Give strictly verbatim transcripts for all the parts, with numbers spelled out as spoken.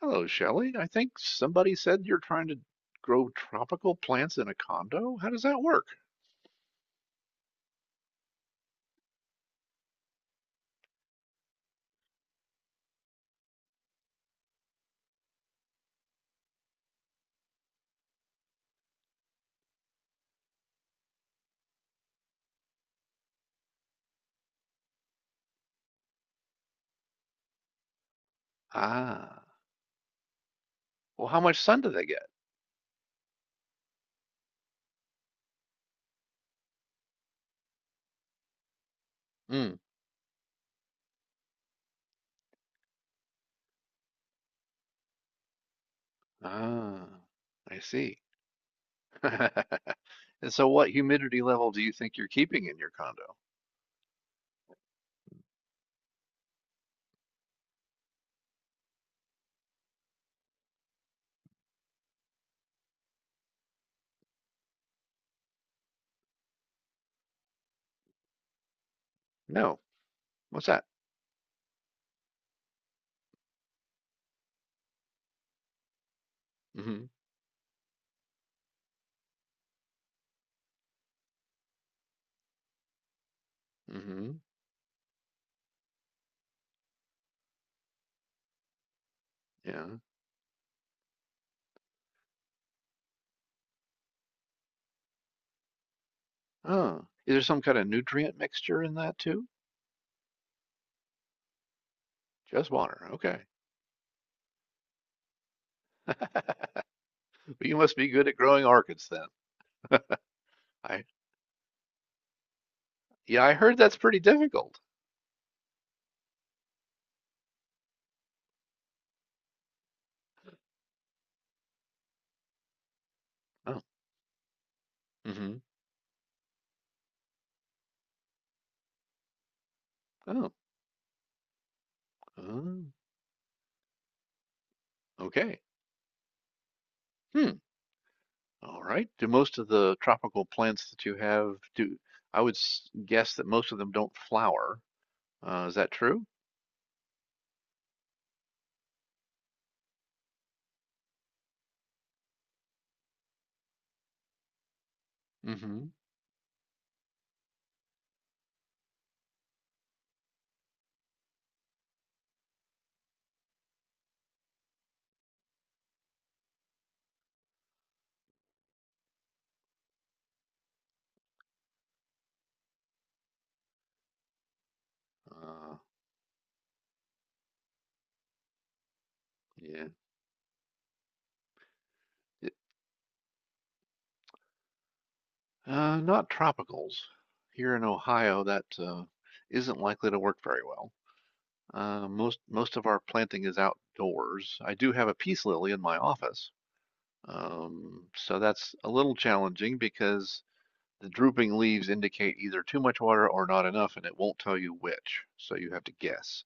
Hello, Shelley. I think somebody said you're trying to grow tropical plants in a condo. How does that work? Ah, well, how much sun do they get? Mm. Ah, I see. And so what humidity level do you think you're keeping in your condo? No. What's that? Mm hmm. Mm hmm. Yeah. Oh, is there some kind of nutrient mixture in that too? Just water. Okay. But you must be good at growing orchids then. I Yeah, I heard that's pretty difficult. Oh. Mm hmm. Oh. Oh. Okay. Hmm. All right. Do most of the tropical plants that you have do, I would s- guess that most of them don't flower. Uh, is that true? Mm-hmm. Uh, yeah. It- uh, Not tropicals. Here in Ohio, that uh, isn't likely to work very well. Uh, most most of our planting is outdoors. I do have a peace lily in my office, um, so that's a little challenging because the drooping leaves indicate either too much water or not enough, and it won't tell you which, so you have to guess.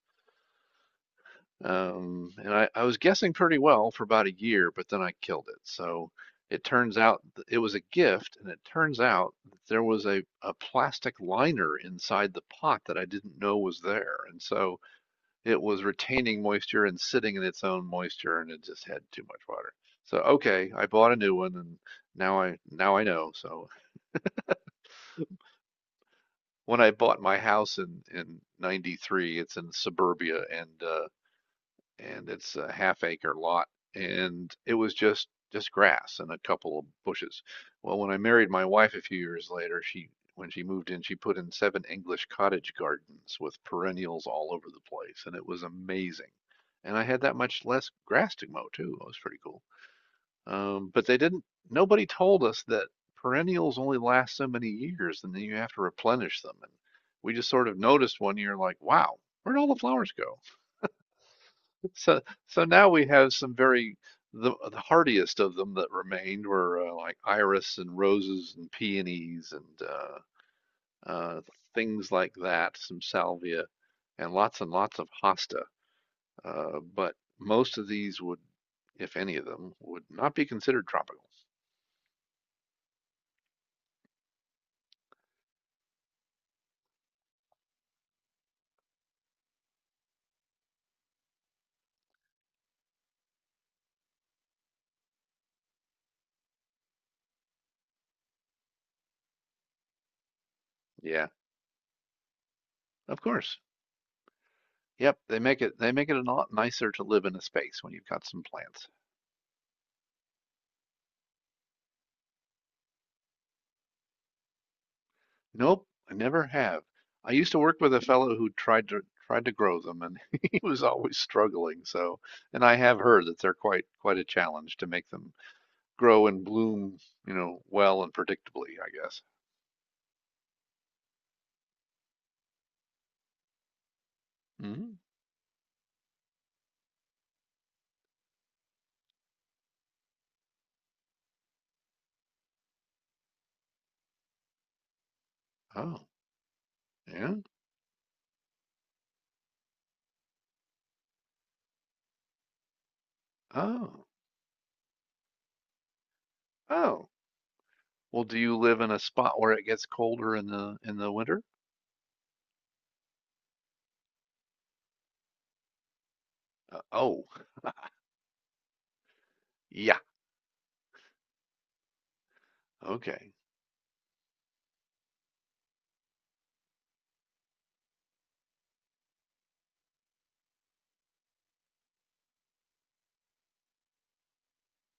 Um, and I, I was guessing pretty well for about a year, but then I killed it. So it turns out th- it was a gift, and it turns out that there was a, a plastic liner inside the pot that I didn't know was there. And so it was retaining moisture and sitting in its own moisture, and it just had too much water. So okay, I bought a new one, and now I now I know. So when I bought my house in in ninety-three, it's in suburbia, and uh, and it's a half acre lot, and it was just just grass and a couple of bushes. Well, when I married my wife a few years later, she, when she moved in, she put in seven English cottage gardens with perennials all over the place, and it was amazing. And I had that much less grass to mow too. It was pretty cool. Um, but they didn't, nobody told us that perennials only last so many years and then you have to replenish them. And we just sort of noticed one year, like, wow, where'd all the flowers go? so, so now we have some very, the, the hardiest of them that remained were uh, like iris and roses and peonies and uh, uh, things like that, some salvia and lots and lots of hosta. Uh, but most of these would, if any of them, would not be considered tropical. Yeah, of course. Yep, they make it they make it a lot nicer to live in a space when you've got some plants. Nope, I never have. I used to work with a fellow who tried to tried to grow them, and he was always struggling. So, and I have heard that they're quite quite a challenge to make them grow and bloom, you know, well and predictably, I guess. Hmm. Oh, yeah. Oh. Oh. Well, do you live in a spot where it gets colder in the in the winter? Uh, oh, yeah. Okay.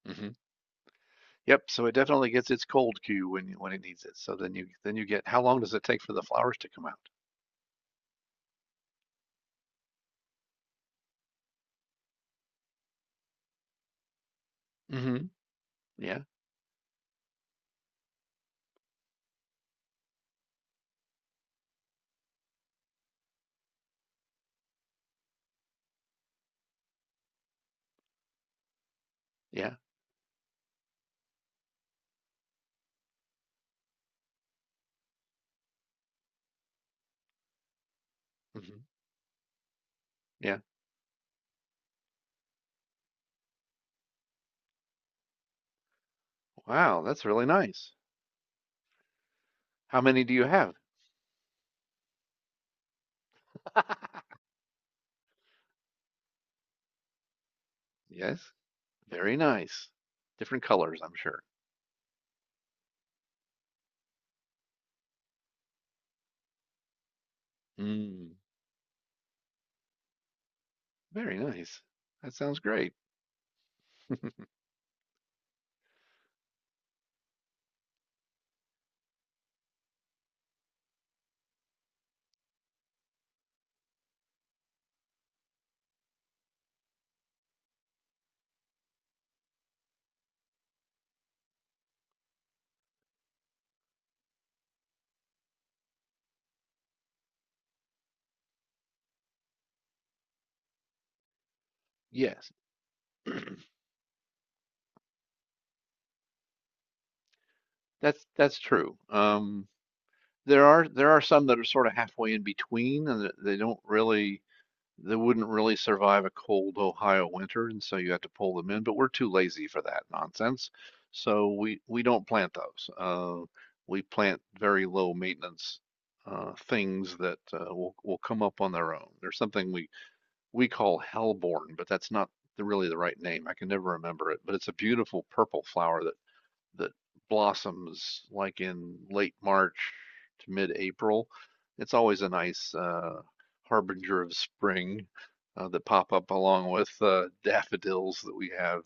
Hmm. Yep, so it definitely gets its cold cue when you- when it needs it. So then you then you get, how long does it take for the flowers to come out? Hmm. Yeah. Yeah. Hmm. Yeah. Wow, that's really nice. How many do you have? Yes. Very nice. Different colors, I'm sure. Mm, very nice. That sounds great. Yes, that's that's true. Um, there are there are some that are sort of halfway in between, and that they don't really. They wouldn't really survive a cold Ohio winter, and so you have to pull them in, but we're too lazy for that nonsense. So we we don't plant those. Uh, we plant very low maintenance uh, things that uh, will will come up on their own. There's something we we call hellebore, but that's not the, really the right name. I can never remember it, but it's a beautiful purple flower that that blossoms like in late March to mid-April. It's always a nice uh, harbinger of spring uh, that pop up along with uh, daffodils that we have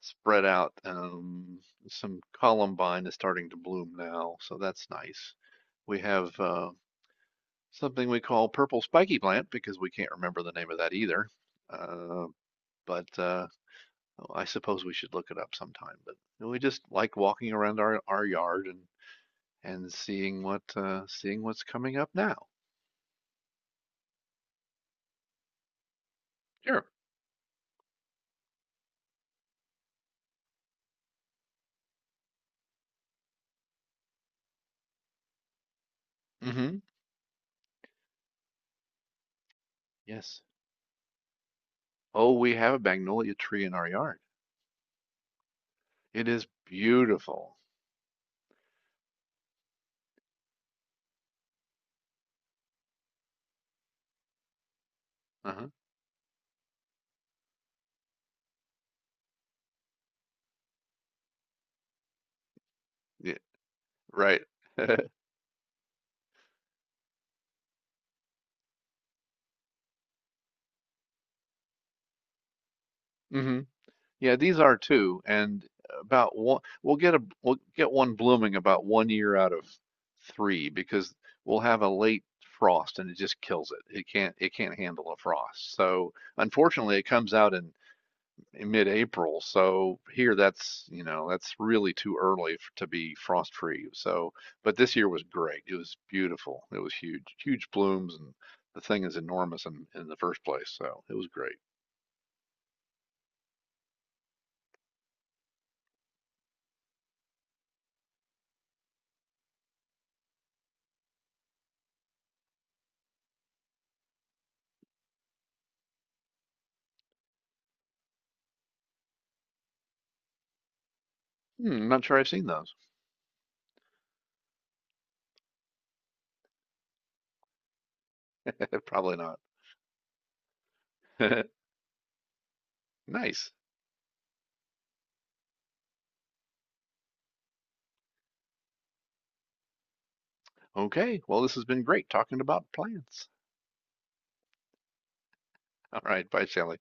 spread out. Um, some columbine is starting to bloom now, so that's nice. We have uh, something we call purple spiky plant because we can't remember the name of that either. Uh, but uh, I suppose we should look it up sometime. But we just like walking around our, our yard and and seeing what uh, seeing what's coming up now. Sure. Mm-hmm. Yes. Oh, we have a magnolia tree in our yard. It is beautiful. Uh-huh. Yeah, right. Hmm. Yeah, these are too, and about one, we'll get a we'll get one blooming about one year out of three because we'll have a late frost and it just kills it. It can't it can't handle a frost. So unfortunately, it comes out in in mid-April. So here, that's, you know, that's really too early f- to be frost-free. So, but this year was great. It was beautiful. It was huge, huge blooms, and the thing is enormous in, in the first place. So it was great. Hmm, not sure I've seen those. Probably not. Nice. Okay. Well, this has been great talking about plants. All right. Bye, Shelley.